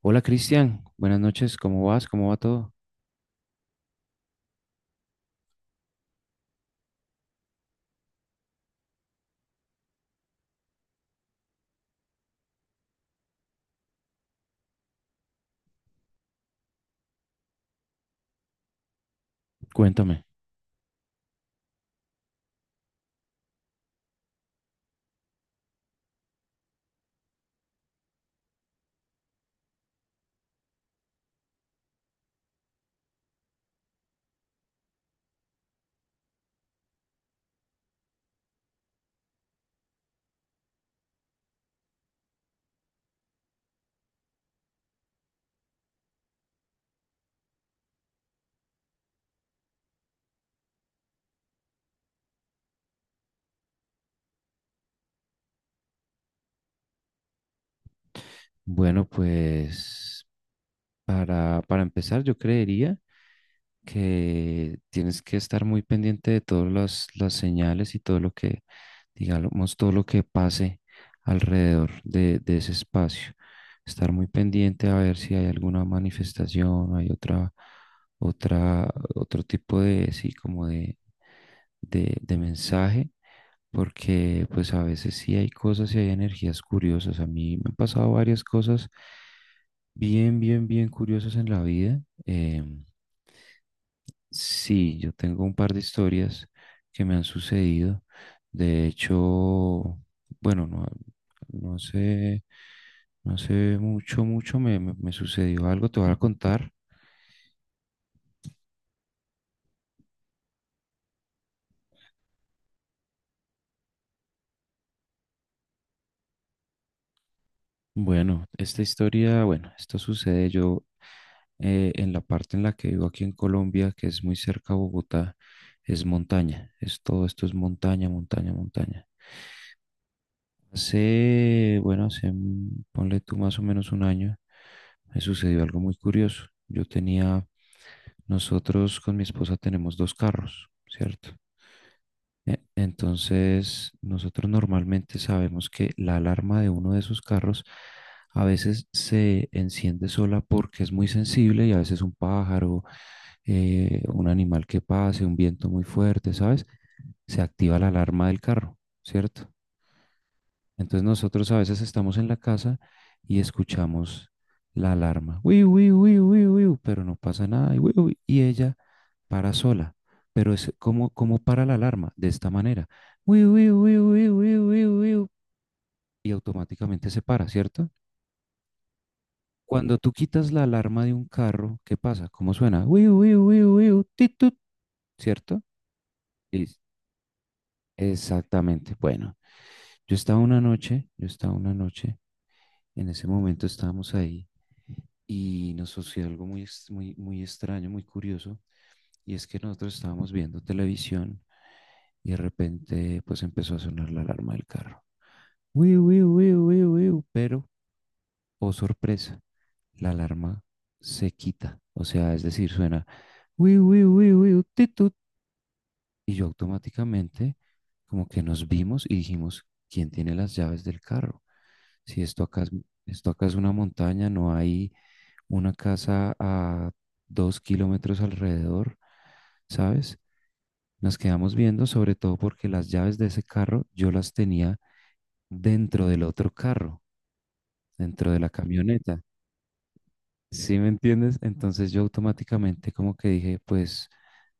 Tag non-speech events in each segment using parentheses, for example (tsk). Hola Cristian, buenas noches, ¿cómo vas? ¿Cómo va todo? Cuéntame. Bueno, pues para empezar yo creería que tienes que estar muy pendiente de todas las señales y todo lo que, digamos, todo lo que pase alrededor de ese espacio. Estar muy pendiente a ver si hay alguna manifestación, hay otra, otro tipo de, sí, como de mensaje porque pues a veces sí hay cosas y hay energías curiosas. A mí me han pasado varias cosas bien, bien, bien curiosas en la vida. Sí, yo tengo un par de historias que me han sucedido. De hecho, bueno, no, no sé, no sé mucho, mucho me sucedió algo, te voy a contar. Bueno, esta historia, bueno, esto sucede yo en la parte en la que vivo aquí en Colombia, que es muy cerca a Bogotá, es montaña, es todo esto es montaña, montaña, montaña. Hace, bueno, hace, ponle tú más o menos un año, me sucedió algo muy curioso. Yo tenía, nosotros con mi esposa tenemos dos carros, ¿cierto? Entonces, nosotros normalmente sabemos que la alarma de uno de esos carros a veces se enciende sola porque es muy sensible y a veces un pájaro, un animal que pase, un viento muy fuerte, ¿sabes? Se activa la alarma del carro, ¿cierto? Entonces nosotros a veces estamos en la casa y escuchamos la alarma, uy uy uy uy uy, pero no pasa nada y, uy uy y ella para sola. Pero es como, como para la alarma, de esta manera, uy uy uy uy uy uy uy y automáticamente se para, ¿cierto? Cuando tú quitas la alarma de un carro, ¿qué pasa? ¿Cómo suena? Uy uy uy uy tit, tut, ¿cierto? Y- Exactamente. Bueno, yo estaba una noche, yo estaba una noche, en ese momento estábamos ahí y nos sucedió algo muy, muy, muy extraño, muy curioso, y es que nosotros estábamos viendo televisión y de repente pues empezó a sonar la alarma del carro. Wiu, wiu, wiu, wiu, wiu, pero, oh sorpresa, la alarma se quita, o sea, es decir, suena wiu, wiu, wiu, wiu, ti, tu. Y yo automáticamente como que nos vimos y dijimos, ¿quién tiene las llaves del carro? Si esto acá es, esto acá es una montaña, no hay una casa a 2 kilómetros alrededor, ¿sabes? Nos quedamos viendo, sobre todo porque las llaves de ese carro yo las tenía dentro del otro carro, dentro de la camioneta. ¿Sí me entiendes? Entonces yo automáticamente como que dije, pues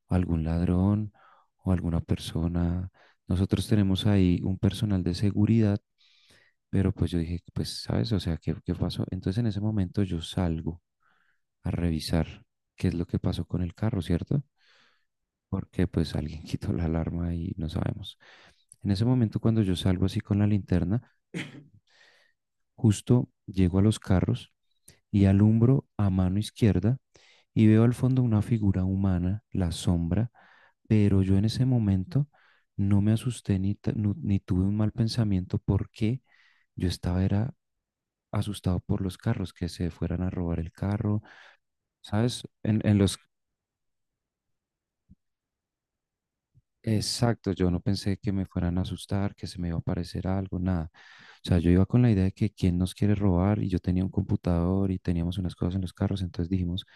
algún ladrón o alguna persona. Nosotros tenemos ahí un personal de seguridad, pero pues yo dije, pues ¿sabes? O sea, ¿qué pasó? Entonces en ese momento yo salgo a revisar qué es lo que pasó con el carro, ¿cierto? Porque pues alguien (laughs) quitó la alarma y no sabemos. En ese momento cuando yo salgo así con la linterna, justo llego a los carros y alumbro a mano izquierda y veo al fondo una figura humana, la sombra, pero yo en ese momento no me asusté ni, ta- nu- ni tuve un mal pensamiento porque yo estaba era asustado por los carros, que se fueran a robar el carro, ¿sabes? Exacto, yo no pensé que me fueran a asustar, que se me iba a aparecer algo, nada. O sea, yo iba con la idea de que quién nos quiere robar y yo tenía un computador y teníamos unas cosas en los carros, entonces dijimos,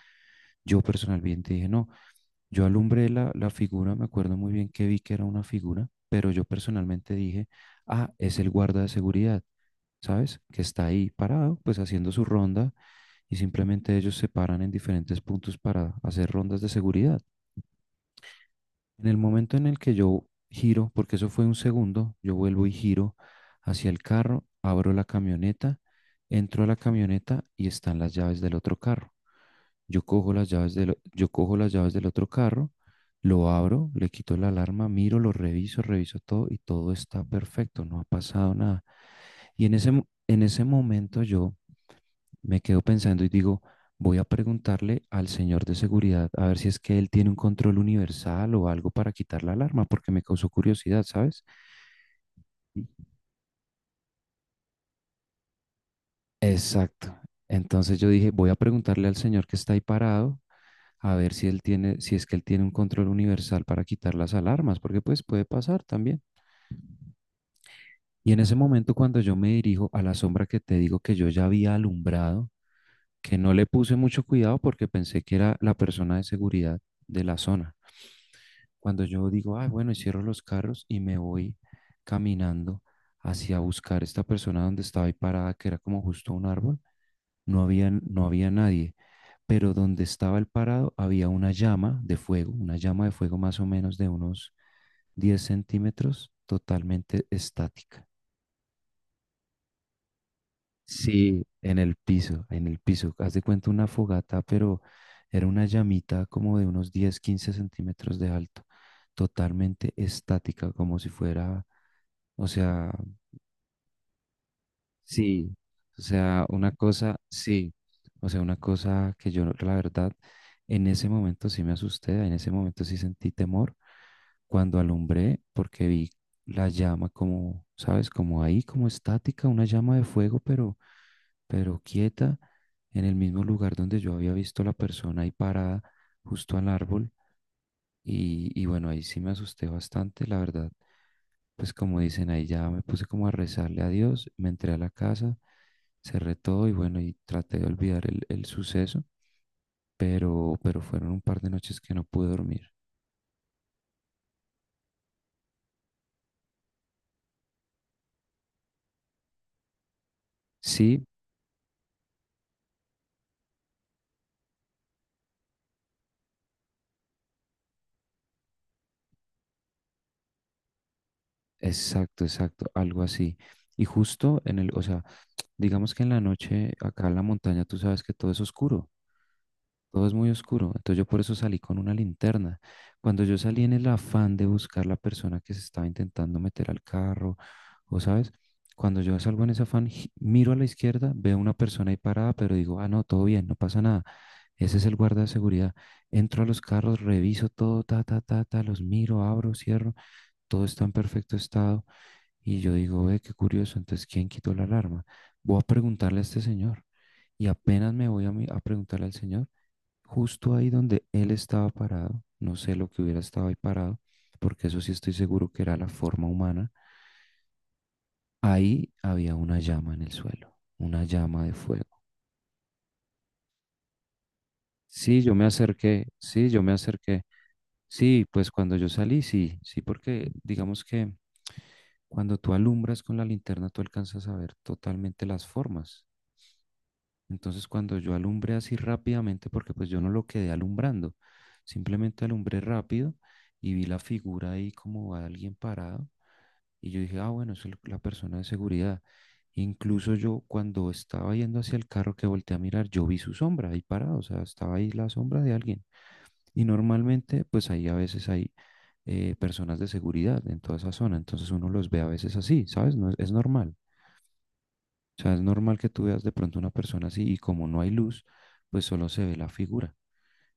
yo personalmente dije, no, yo alumbré la figura, me acuerdo muy bien que vi que era una figura, pero yo personalmente dije, ah, es el guarda de seguridad, ¿sabes? Que está ahí parado, pues haciendo su ronda y simplemente ellos se paran en diferentes puntos para hacer rondas de seguridad. En el momento en el que yo giro, porque eso fue un segundo, yo vuelvo y giro hacia el carro, abro la camioneta, entro a la camioneta y están las llaves del otro carro. Yo cojo las llaves yo cojo las llaves del otro carro, lo abro, le quito la alarma, miro, lo reviso, reviso todo y todo está perfecto, no ha pasado nada. Y en ese, en ese momento yo me quedo pensando y digo, voy a preguntarle al señor de seguridad a ver si es que él tiene un control universal o algo para quitar la alarma, porque me causó curiosidad, ¿sabes? Sí. Exacto. Entonces yo dije, voy a preguntarle al señor que está ahí parado a ver si él tiene, si es que él tiene un control universal para quitar las alarmas, porque pues puede pasar también. Y en ese momento cuando yo me dirijo a la sombra que te digo que yo ya había alumbrado, que no le puse mucho cuidado porque pensé que era la persona de seguridad de la zona. Cuando yo digo, ah, bueno, y cierro los carros y me voy caminando hacia buscar esta persona donde estaba ahí parada, que era como justo un árbol, no había nadie, pero donde estaba el parado había una llama de fuego, una llama de fuego más o menos de unos 10 centímetros, totalmente estática. Sí, en el piso, en el piso. Haz de cuenta una fogata, pero era una llamita como de unos 10, 15 centímetros de alto, totalmente estática, como si fuera, o sea, sí, o sea, una cosa, sí, o sea, una cosa que yo, la verdad, en ese momento sí me asusté, en ese momento sí sentí temor cuando alumbré, porque vi la llama como, ¿sabes? Como ahí, como estática, una llama de fuego, pero quieta, en el mismo lugar donde yo había visto la persona ahí parada, justo al árbol, y bueno, ahí sí me asusté bastante, la verdad. Pues como dicen ahí, ya me puse como a rezarle a Dios, me entré a la casa, cerré todo y bueno, y traté de olvidar el suceso, pero fueron un par de noches que no pude dormir. Sí, exacto, exacto, algo así. Y justo en el, o sea, (tsk) digamos que en la noche acá en la montaña tú sabes que todo es oscuro. Todo es muy oscuro. Entonces yo por eso salí con una linterna. Cuando yo salí en el afán de buscar la persona que se estaba intentando meter al carro, o sabes, cuando yo salgo en ese afán, miro a la izquierda, veo una persona ahí parada, pero digo, ah, no, todo bien, no pasa nada. Ese es el guarda de seguridad. Entro a los carros, reviso todo, ta, ta, ta, ta, los miro, abro, cierro, todo está en perfecto estado. Y yo digo, ve, qué curioso, entonces, ¿quién quitó la alarma? Voy a preguntarle a este señor. Y apenas me voy a preguntarle al señor, justo ahí donde él estaba parado, no sé lo que hubiera estado ahí parado, porque eso sí estoy seguro que era la forma humana, ahí había una llama en el suelo, una llama de fuego. Sí, yo me acerqué, sí, yo me acerqué. Sí, pues cuando yo salí, sí, sí, porque digamos que cuando tú alumbras con la linterna, tú alcanzas a ver totalmente las formas. Entonces cuando yo alumbré así rápidamente, porque pues yo no lo quedé alumbrando, simplemente alumbré rápido y vi la figura ahí como a alguien parado y yo dije, ah, bueno, es la persona de seguridad. Incluso yo cuando estaba yendo hacia el carro que volteé a mirar, yo vi su sombra ahí parado, o sea, estaba ahí la sombra de alguien. Y normalmente pues ahí a veces hay personas de seguridad en toda esa zona, entonces uno los ve a veces así, ¿sabes? No, es normal. O sea, es normal que tú veas de pronto una persona así y como no hay luz, pues solo se ve la figura.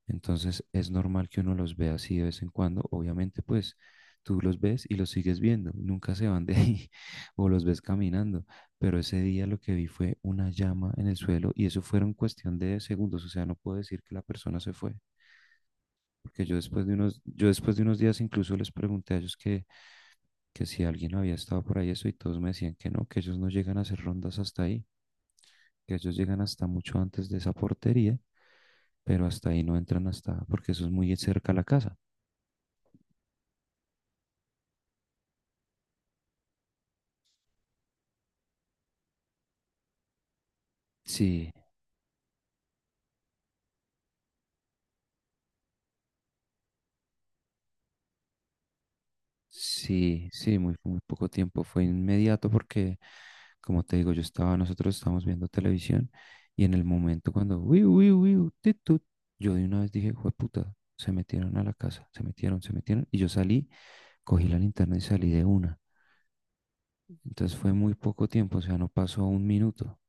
Entonces es normal que uno los vea así de vez en cuando. Obviamente, pues tú los ves y los sigues viendo. Nunca se van de ahí (laughs) o los ves caminando. Pero ese día lo que vi fue una llama en el suelo y eso fueron cuestión de segundos. O sea, no puedo decir que la persona se fue. Porque yo después de unos, yo después de unos días incluso les pregunté a ellos que si alguien había estado por ahí eso y todos me decían que no, que ellos no llegan a hacer rondas hasta ahí, que ellos llegan hasta mucho antes de esa portería, pero hasta ahí no entran hasta, porque eso es muy cerca a la casa. Sí, sí, sí, muy, muy poco tiempo, fue inmediato porque, como te digo, yo estaba, nosotros estábamos viendo televisión y en el momento cuando, uy, uy, uy, tit, tut, yo de una vez dije, jueputa se metieron a la casa, se metieron, y yo salí, cogí la linterna y salí de una. Entonces fue muy poco tiempo, o sea, no pasó un minuto.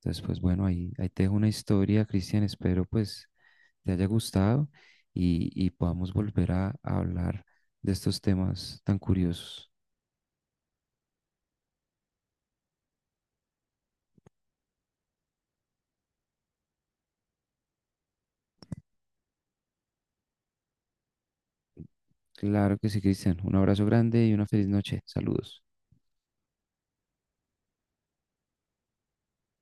Entonces, pues bueno, ahí, ahí te dejo una historia, Cristian. Espero pues te haya gustado y podamos volver a hablar de estos temas tan curiosos. Claro que sí, Cristian. Un abrazo grande y una feliz noche. Saludos.